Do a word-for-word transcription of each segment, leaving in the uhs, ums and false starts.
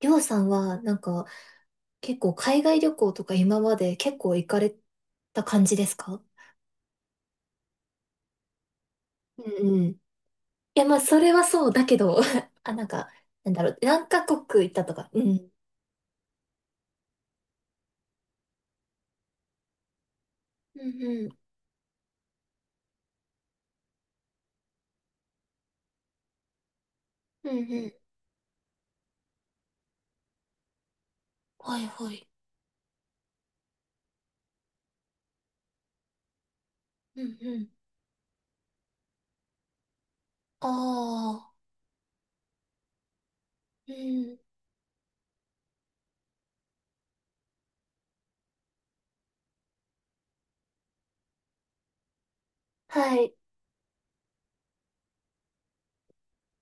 りょうさんは、なんか、結構海外旅行とか今まで結構行かれた感じですか？うんうん。いや、まあ、それはそうだけど、あ、なんか、なんだろう、何カ国行ったとか。うん。うんうん。うんうん。はいはい。うんうん。ああ、うん。はい。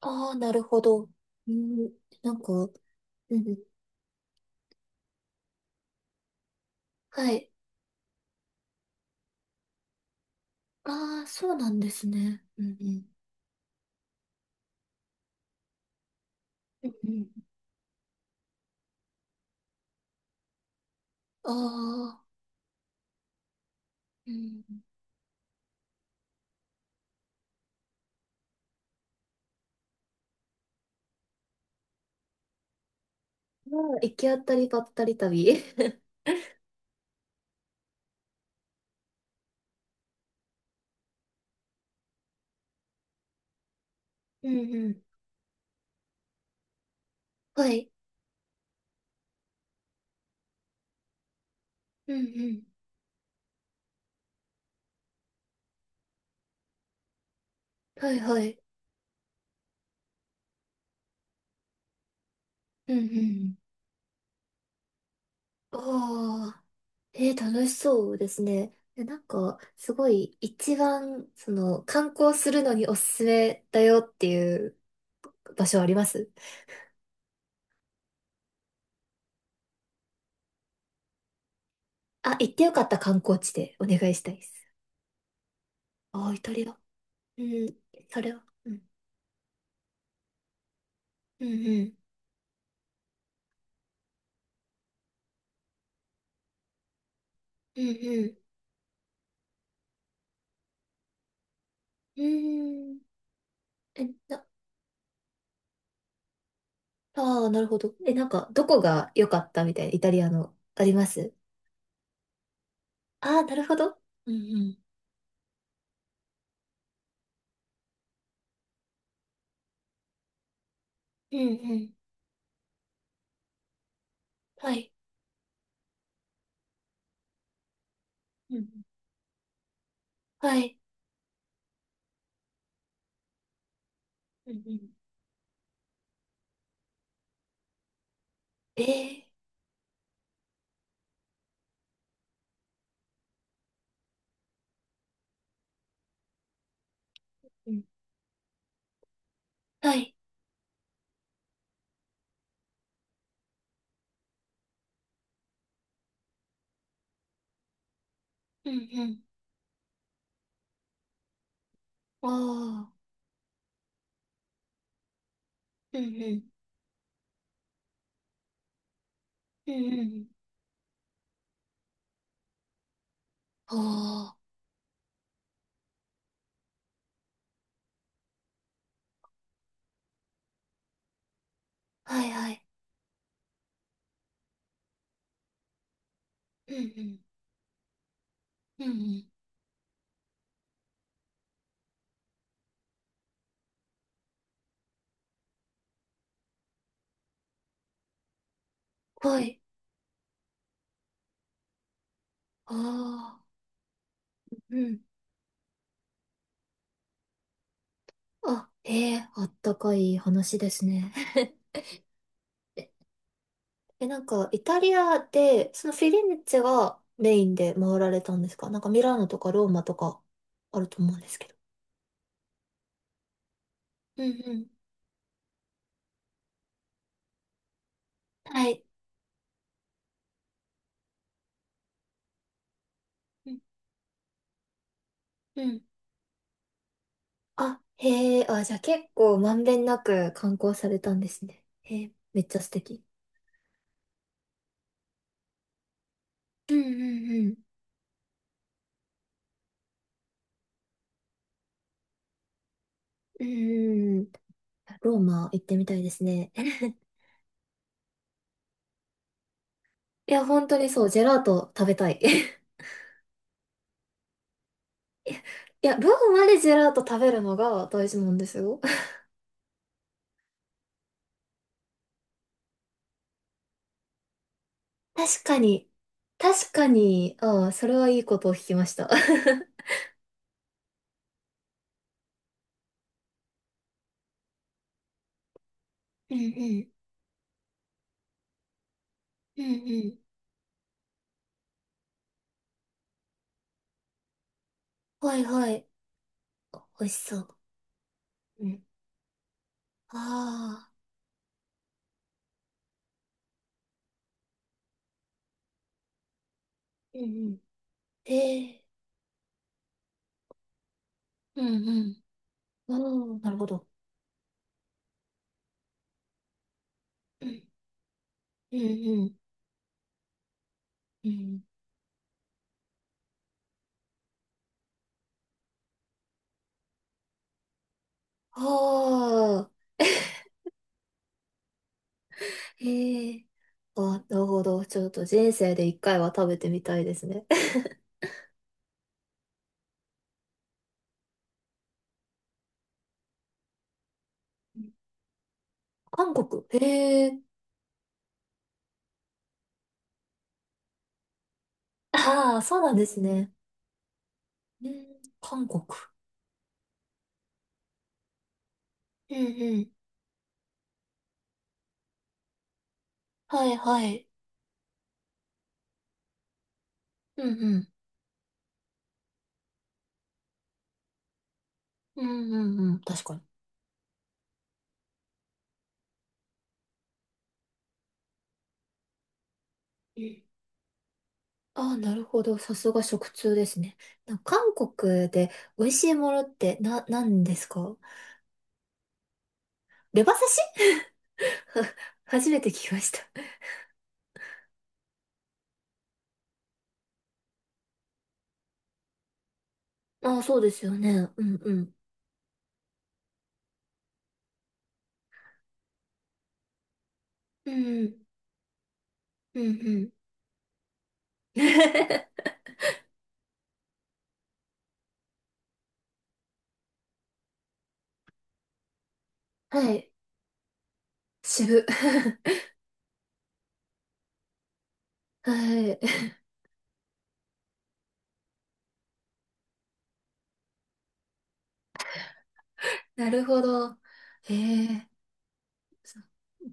ああ、なるほど。うん。なんか、うんうん。はい。ああ、そうなんですね。うんうん。うんうん。ああ、うん。まあ、行き当たりばったり旅。うんうん。はい。うんうん。はいはい。うんうん。ああ、えー、楽しそうですね。えなんか、すごい、一番、その、観光するのにおすすめだよっていう場所あります？あ、行ってよかった観光地でお願いしたいです。ああ、イタリア。うん、それは。うん。うんうん。うんうん。うーん。え、な、ああ、なるほど。え、なんか、どこが良かったみたいな、イタリアの、あります？ああー、なるほど。うんうん。うんうん。はい。うん。はい。うんうん。えー、うん。はい。うんうん。ああ。うんうん。うんうん。ああ。はいはい。うんうん。うんうん。はい。ああ。うんうん。え、うん。はい。うんうん。あ、ええ、あったかい話ですね。え、なんか、イタリアで、そのフィレンツェがメインで回られたんですか？なんかミラノとかローマとかあると思うんですけど。うんうん。はい。うんうん。あ、へえ、あ、じゃあ結構まんべんなく観光されたんですね。へえ、めっちゃ素敵。うんうん。うん。うんうん。ローマ行ってみたいですね。いや、本当にそう、ジェラート食べたい。いや、いやローマでジェラート食べるのが大事なんですよ。確かに、確かに、ああ、それはいいことを聞きました。うんうん、うんうん。はいはい。美味しそう。うん。ああ、うんうん。ええ、うんうん。ああ、なるほど。うんうん。うん。ああ、へえ。あ、なるほど。ちょっと人生で一回は食べてみたいですね。韓国。へえ。ああ、そうなんですね。うん、韓国。うんうん。はいはい。うんうん。うんうん。うん。確かに。うん。ああ、なるほど。さすが食通ですね。なんか韓国で美味しいものってな、何ですか？レバ刺し？ 初めて聞きました。ああ、そうですよね。うんうん。うん、うん、うん。はい。渋。はい。なるほど。ええ、そう、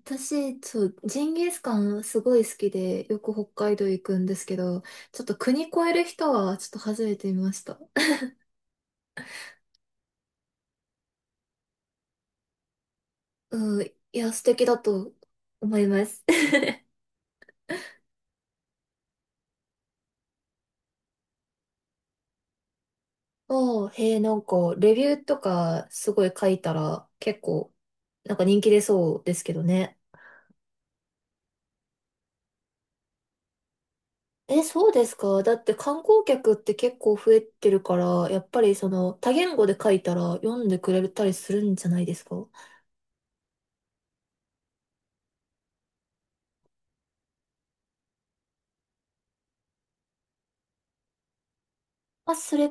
私、そう、ジンギスカンすごい好きで、よく北海道行くんですけど、ちょっと国越える人はちょっと初めて見ました。うん、いや、素敵だと思います。おー、へえ、なんか、レビューとかすごい書いたら結構、なんか人気出そうですけどね。え、そうですか？だって観光客って結構増えてるから、やっぱりその多言語で書いたら読んでくれたりするんじゃないですか？あ、それ、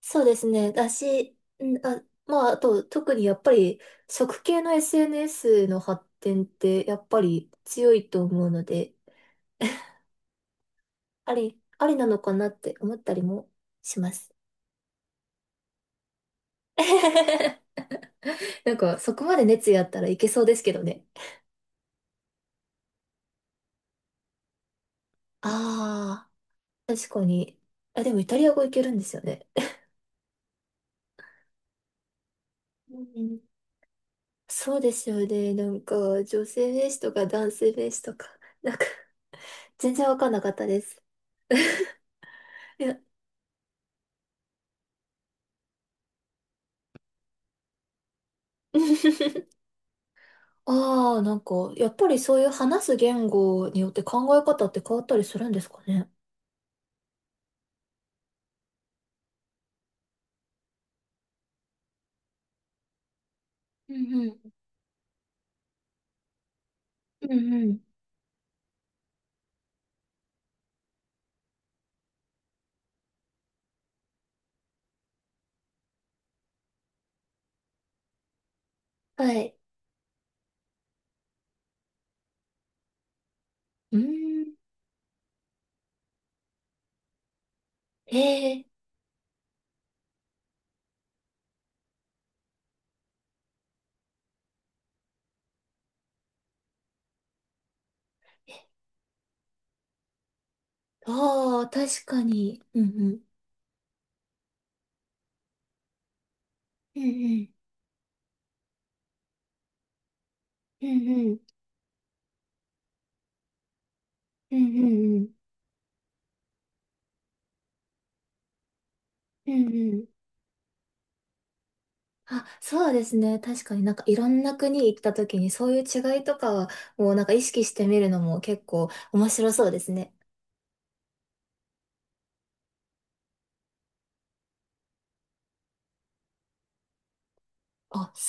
そうですね。だし、んあ、まあ、あと特にやっぱり食系の エスエヌエス の発展ってやっぱり強いと思うので、あり、ありなのかなって思ったりもします。なんかそこまで熱意あったらいけそうですけどね。ああ、確かに。あ、でもイタリア語いけるんですよね。うん、そうですよね。なんか、女性名詞とか男性名詞とか、なんか、全然わかんなかったです。いや、 ああ、なんか、やっぱりそういう話す言語によって考え方って変わったりするんですかね？うんうん。うんうん。はい。うーん。ええ、ああー、確かに。うんうん。うんうん。うんうん。うんうんうんうん。うんうん。あ、そうですね。確かになんかいろんな国行った時にそういう違いとかはもうなんか意識してみるのも結構面白そうですね。あ、